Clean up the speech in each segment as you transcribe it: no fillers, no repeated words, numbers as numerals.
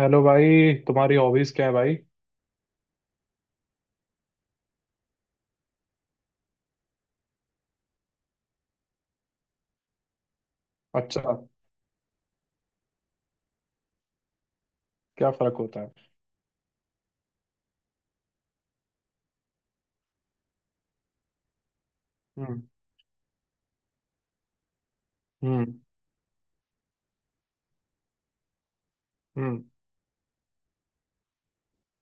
Hello भाई, तुम्हारी hobbies क्या है भाई? अच्छा। क्या फर्क होता है? हम्म। हम्म। हम्म।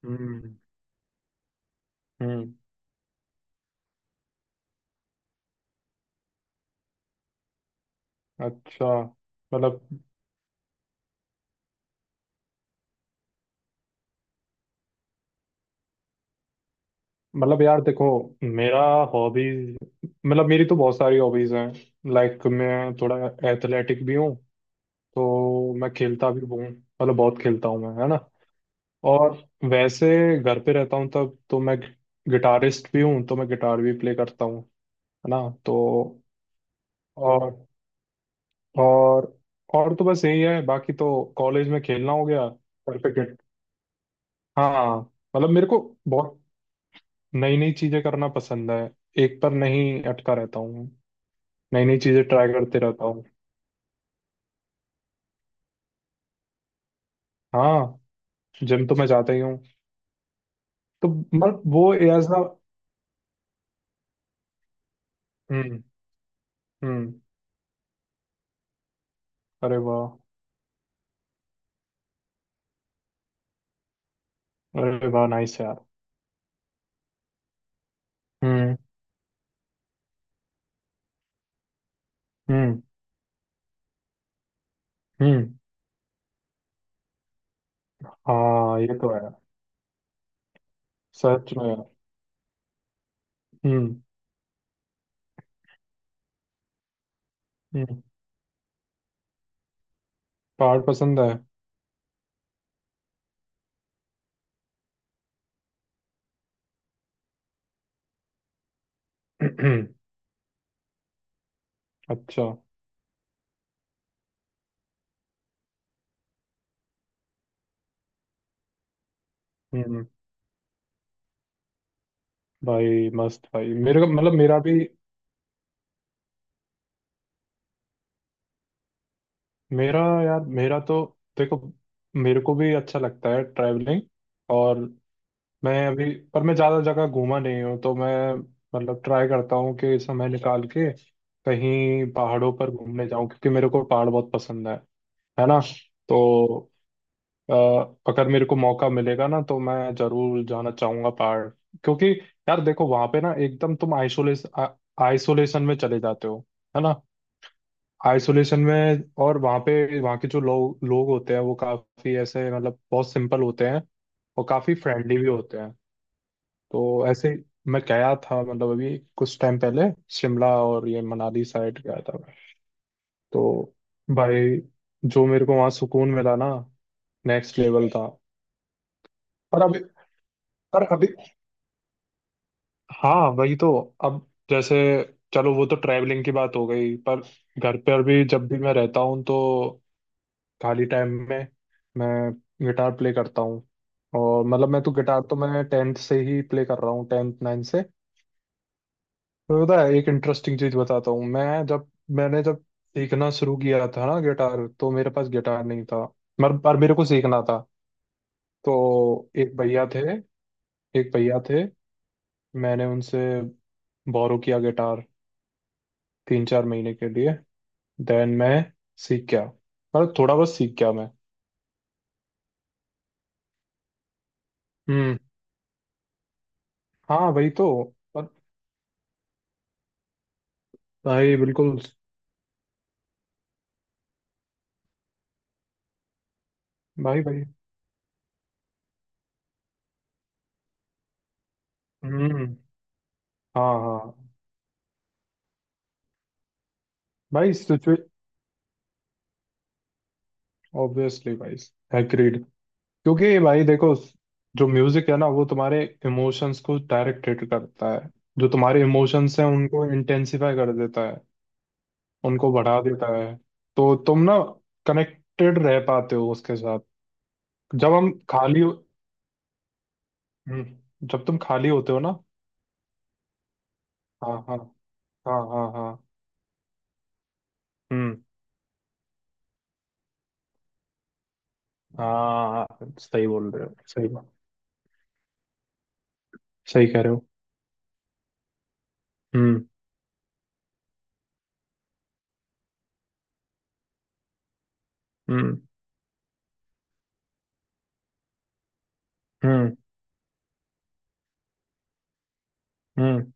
हम्म। हम्म। अच्छा। मतलब मतलब यार देखो, मेरा हॉबीज, मतलब मेरी तो बहुत सारी हॉबीज हैं। लाइक मैं थोड़ा एथलेटिक भी हूँ, तो मैं खेलता भी हूँ, मतलब बहुत खेलता हूँ मैं, है ना। और वैसे घर पे रहता हूँ तब तो मैं गिटारिस्ट भी हूँ, तो मैं गिटार भी प्ले करता हूँ, है ना। तो और और और तो बस यही है, बाकी तो कॉलेज में खेलना हो गया, सर्टिफिकेट। हाँ। मतलब मेरे को बहुत नई नई चीजें करना पसंद है, एक पर नहीं अटका रहता हूँ, नई नई चीजें ट्राई करते रहता हूँ। हाँ, जिम तो मैं जाता ही हूँ। तो मतलब वो एज ना। हम्म। हम्म। अरे वाह। अरे वाह, नाइस यार। हम्म। हम्म। हम्म। हाँ, ये तो है। सच में। हम्म। हम्म। पहाड़ पसंद है। अच्छा। हम्म। भाई मस्त भाई, मेरे को मतलब मेरा भी। मेरा यार, मेरा तो देखो, मेरे को भी अच्छा लगता है ट्रैवलिंग। और मैं अभी, पर मैं ज़्यादा जगह घूमा नहीं हूँ, तो मैं मतलब ट्राई करता हूँ कि समय निकाल के कहीं पहाड़ों पर घूमने जाऊँ, क्योंकि मेरे को पहाड़ बहुत पसंद है ना। तो अ, अगर मेरे को मौका मिलेगा ना तो मैं ज़रूर जाना चाहूँगा पहाड़। क्योंकि यार देखो वहाँ पे ना एकदम तुम आइसोलेस आइसोलेशन में चले जाते हो, है ना। आइसोलेशन में, और वहाँ पे, वहाँ के जो लोग लोग होते हैं वो काफी ऐसे, मतलब बहुत सिंपल होते हैं, और काफी फ्रेंडली भी होते हैं। तो ऐसे, मैं गया था, मतलब अभी कुछ टाइम पहले, शिमला और ये मनाली साइड गया था मैं। तो भाई, जो मेरे को वहाँ सुकून मिला ना, नेक्स्ट लेवल था। पर अभी पर अभी, हाँ वही तो, अब जैसे चलो, वो तो ट्रैवलिंग की बात हो गई। पर घर पर भी जब भी मैं रहता हूँ तो खाली टाइम में मैं गिटार प्ले करता हूँ। और मतलब मैं तो गिटार तो मैं टेंथ से ही प्ले कर रहा हूँ, टेंथ नाइन्थ से। तो पता है, एक इंटरेस्टिंग चीज बताता हूँ। मैंने जब सीखना शुरू किया था ना गिटार, तो मेरे पास गिटार नहीं था, मगर पर मेरे को सीखना था। तो एक भैया थे एक भैया थे, मैंने उनसे बोरो किया गिटार 3 4 महीने के लिए। देन मैं सीख गया, मतलब थोड़ा बहुत सीख गया मैं। हम्म। हाँ वही तो। पर। भाई बिल्कुल। भाई। भाई। हम्म। हाँ हाँ। भाई सिचुए ऑब्वियसली भाई, एग्रीड। क्योंकि भाई देखो, जो म्यूजिक है ना वो तुम्हारे इमोशंस को डायरेक्ट हिट करता है, जो तुम्हारे इमोशंस हैं उनको इंटेंसिफाई कर देता है, उनको बढ़ा देता है। तो तुम ना कनेक्टेड रह पाते हो उसके साथ। जब हम खाली हो- हम्म, जब तुम खाली होते हो ना। हाँ हाँ हाँ। हाँ हाँ। हम्म। हाँ हाँ, सही बोल रहे हो, सही बात। सही कह रहे हो। हम्म। हम्म। हम्म। हम्म।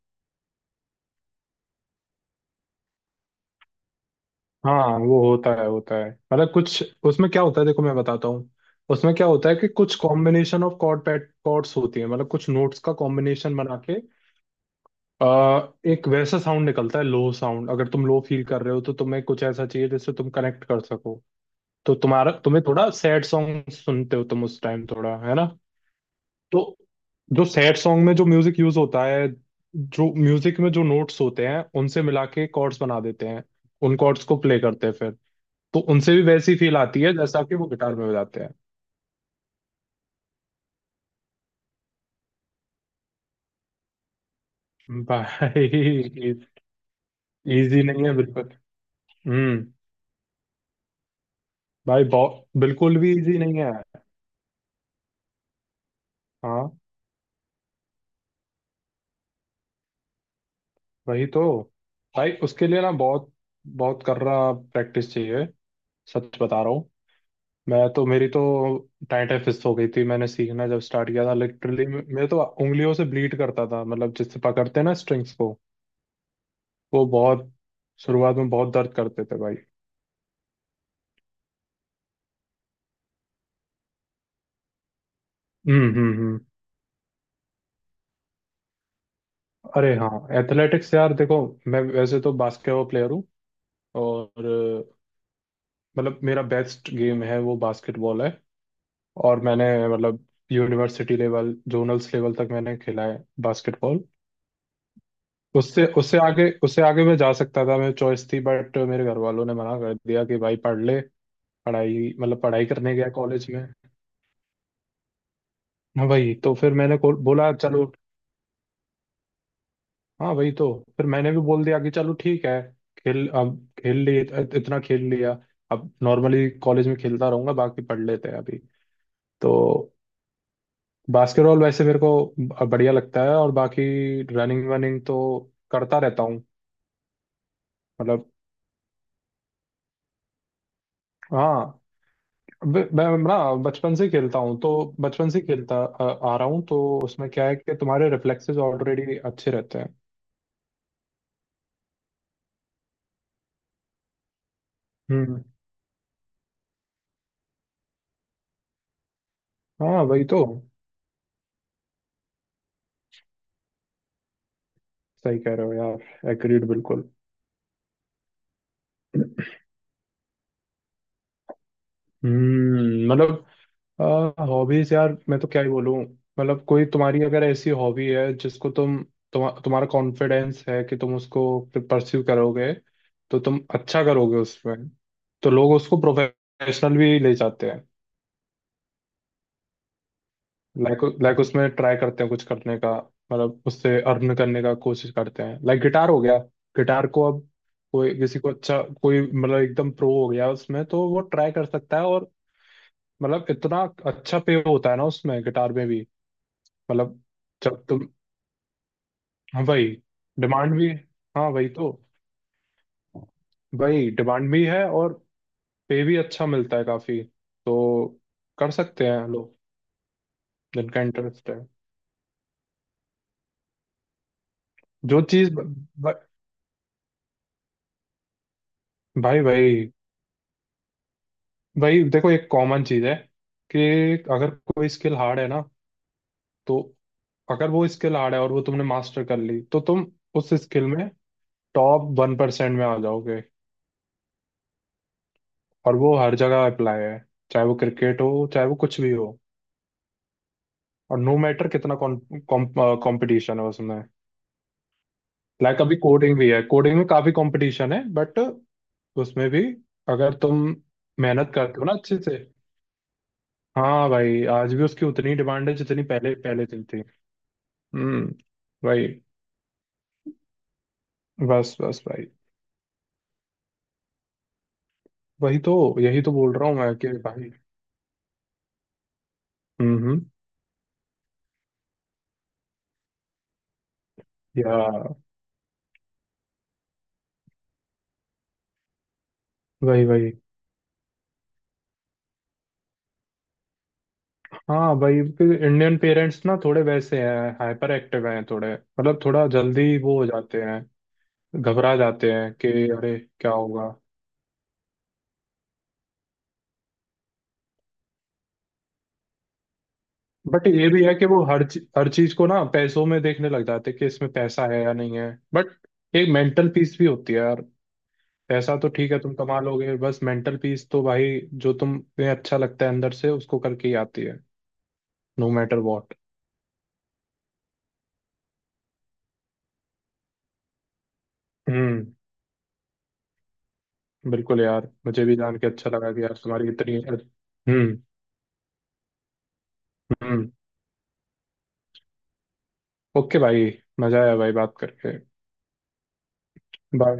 हाँ वो होता है, होता है। मतलब कुछ, उसमें क्या होता है, देखो मैं बताता हूँ। उसमें क्या होता है कि कुछ combination of chord pad chords होती है, मतलब कुछ नोट्स का कॉम्बिनेशन बना के, आ, एक वैसा साउंड निकलता है, लो साउंड। अगर तुम लो फील कर रहे हो तो तुम्हें कुछ ऐसा चाहिए जिससे तुम कनेक्ट कर सको। तो तुम्हारा, तुम्हें थोड़ा सैड सॉन्ग सुनते हो, तुम उस टाइम थोड़ा, है ना। तो जो सैड सॉन्ग में जो म्यूजिक यूज होता है, जो म्यूजिक में जो नोट्स होते हैं उनसे मिला के कॉर्ड्स बना देते हैं, उन कॉर्ड्स को प्ले करते हैं फिर। तो उनसे भी वैसी फील आती है जैसा कि वो गिटार में बजाते हैं। भाई, इजी नहीं है बिल्कुल। हम्म। भाई बहुत, बिल्कुल भी इजी नहीं है। हाँ वही तो, भाई उसके लिए ना बहुत बहुत कर रहा प्रैक्टिस चाहिए, सच बता रहा हूँ। मैं तो मेरी तो टाइट फिस्ट हो गई थी मैंने सीखना जब स्टार्ट किया था, लिटरली मैं तो उंगलियों से ब्लीड करता था, मतलब जिससे पकड़ते हैं ना स्ट्रिंग्स को, वो बहुत, शुरुआत में बहुत दर्द करते थे भाई। हम्म। हम्म। हम्म। अरे हाँ, एथलेटिक्स यार देखो, मैं वैसे तो बास्केटबॉल प्लेयर हूँ। और मतलब मेरा बेस्ट गेम है, वो बास्केटबॉल है। और मैंने मतलब यूनिवर्सिटी लेवल, जोनल्स लेवल तक मैंने खेला है बास्केटबॉल। उससे उससे आगे मैं जा सकता था, मेरी चॉइस थी, बट मेरे घर वालों ने मना कर दिया कि भाई पढ़ ले। पढ़ाई, मतलब पढ़ाई करने गया कॉलेज में। हाँ, वही तो। फिर मैंने बोला चलो। हाँ वही तो, फिर मैंने भी बोल दिया कि चलो ठीक है, खेल अब खेल लिए, इतना खेल लिया। अब नॉर्मली कॉलेज में खेलता रहूंगा, बाकी पढ़ लेते हैं अभी। तो बास्केटबॉल वैसे मेरे को बढ़िया लगता है, और बाकी रनिंग वनिंग तो करता रहता हूँ। मतलब, हाँ। मैं ना बचपन से खेलता हूँ, तो बचपन से खेलता आ रहा हूँ, तो उसमें क्या है कि तुम्हारे रिफ्लेक्सेस ऑलरेडी अच्छे रहते हैं। हम्म। हाँ वही तो। सही कह रहे हो यार, एग्रीड बिल्कुल। हम्म, मतलब, हॉबीज यार मैं तो क्या ही बोलूं। मतलब कोई तुम्हारी अगर ऐसी हॉबी है जिसको तुम, तुम्हारा कॉन्फिडेंस है कि तुम उसको परस्यू करोगे, तो तुम अच्छा करोगे उसमें। तो लोग उसको प्रोफेशनल भी ले जाते हैं। लाइक लाइक उसमें ट्राई करते हैं कुछ करने का, मतलब उससे अर्न करने का कोशिश करते हैं। लाइक गिटार हो गया, गिटार को अब कोई, किसी को अच्छा, कोई मतलब एकदम प्रो हो गया उसमें, तो वो ट्राई कर सकता है, और मतलब इतना अच्छा पे होता है ना उसमें, गिटार में भी। मतलब जब तुम, हाँ वही, डिमांड भी, हाँ वही तो, वही डिमांड भी है, और पे भी अच्छा मिलता है काफी, तो कर सकते हैं लोग जिनका इंटरेस्ट है। जो चीज, भाई भाई, भाई देखो, एक कॉमन चीज है कि अगर कोई स्किल हार्ड है ना, तो अगर वो स्किल हार्ड है और वो तुमने मास्टर कर ली तो तुम उस स्किल में टॉप 1% में आ जाओगे, और वो हर जगह अप्लाई है। चाहे वो क्रिकेट हो, चाहे वो कुछ भी हो। और नो मैटर कितना कंपटीशन है उसमें। लाइक अभी कोडिंग भी है, कोडिंग में काफी कंपटीशन है, बट उसमें भी अगर तुम मेहनत करते हो ना अच्छे से, हाँ भाई आज भी उसकी उतनी डिमांड है जितनी पहले पहले थी। हम्म। भाई, बस बस भाई, वही तो, यही तो बोल रहा हूँ मैं कि भाई। हम्म। या वही वही। हाँ भाई इंडियन पेरेंट्स ना थोड़े वैसे हैं, हाइपर एक्टिव हैं थोड़े, मतलब थोड़ा जल्दी वो हो जाते हैं, घबरा जाते हैं कि अरे क्या होगा। बट ये भी है कि वो हर चीज को ना पैसों में देखने लग जाते हैं कि इसमें पैसा है या नहीं है, बट एक मेंटल पीस भी होती है यार। पैसा तो ठीक है तुम कमा लोगे, बस मेंटल पीस तो भाई, जो तुम्हें अच्छा लगता है अंदर से उसको करके ही आती है। No matter what. हम्म। बिल्कुल यार, मुझे भी जान के अच्छा लगा कि यार तुम्हारी इतनी। हम्म। हम्म। ओके भाई, मजा आया भाई बात करके। बाय।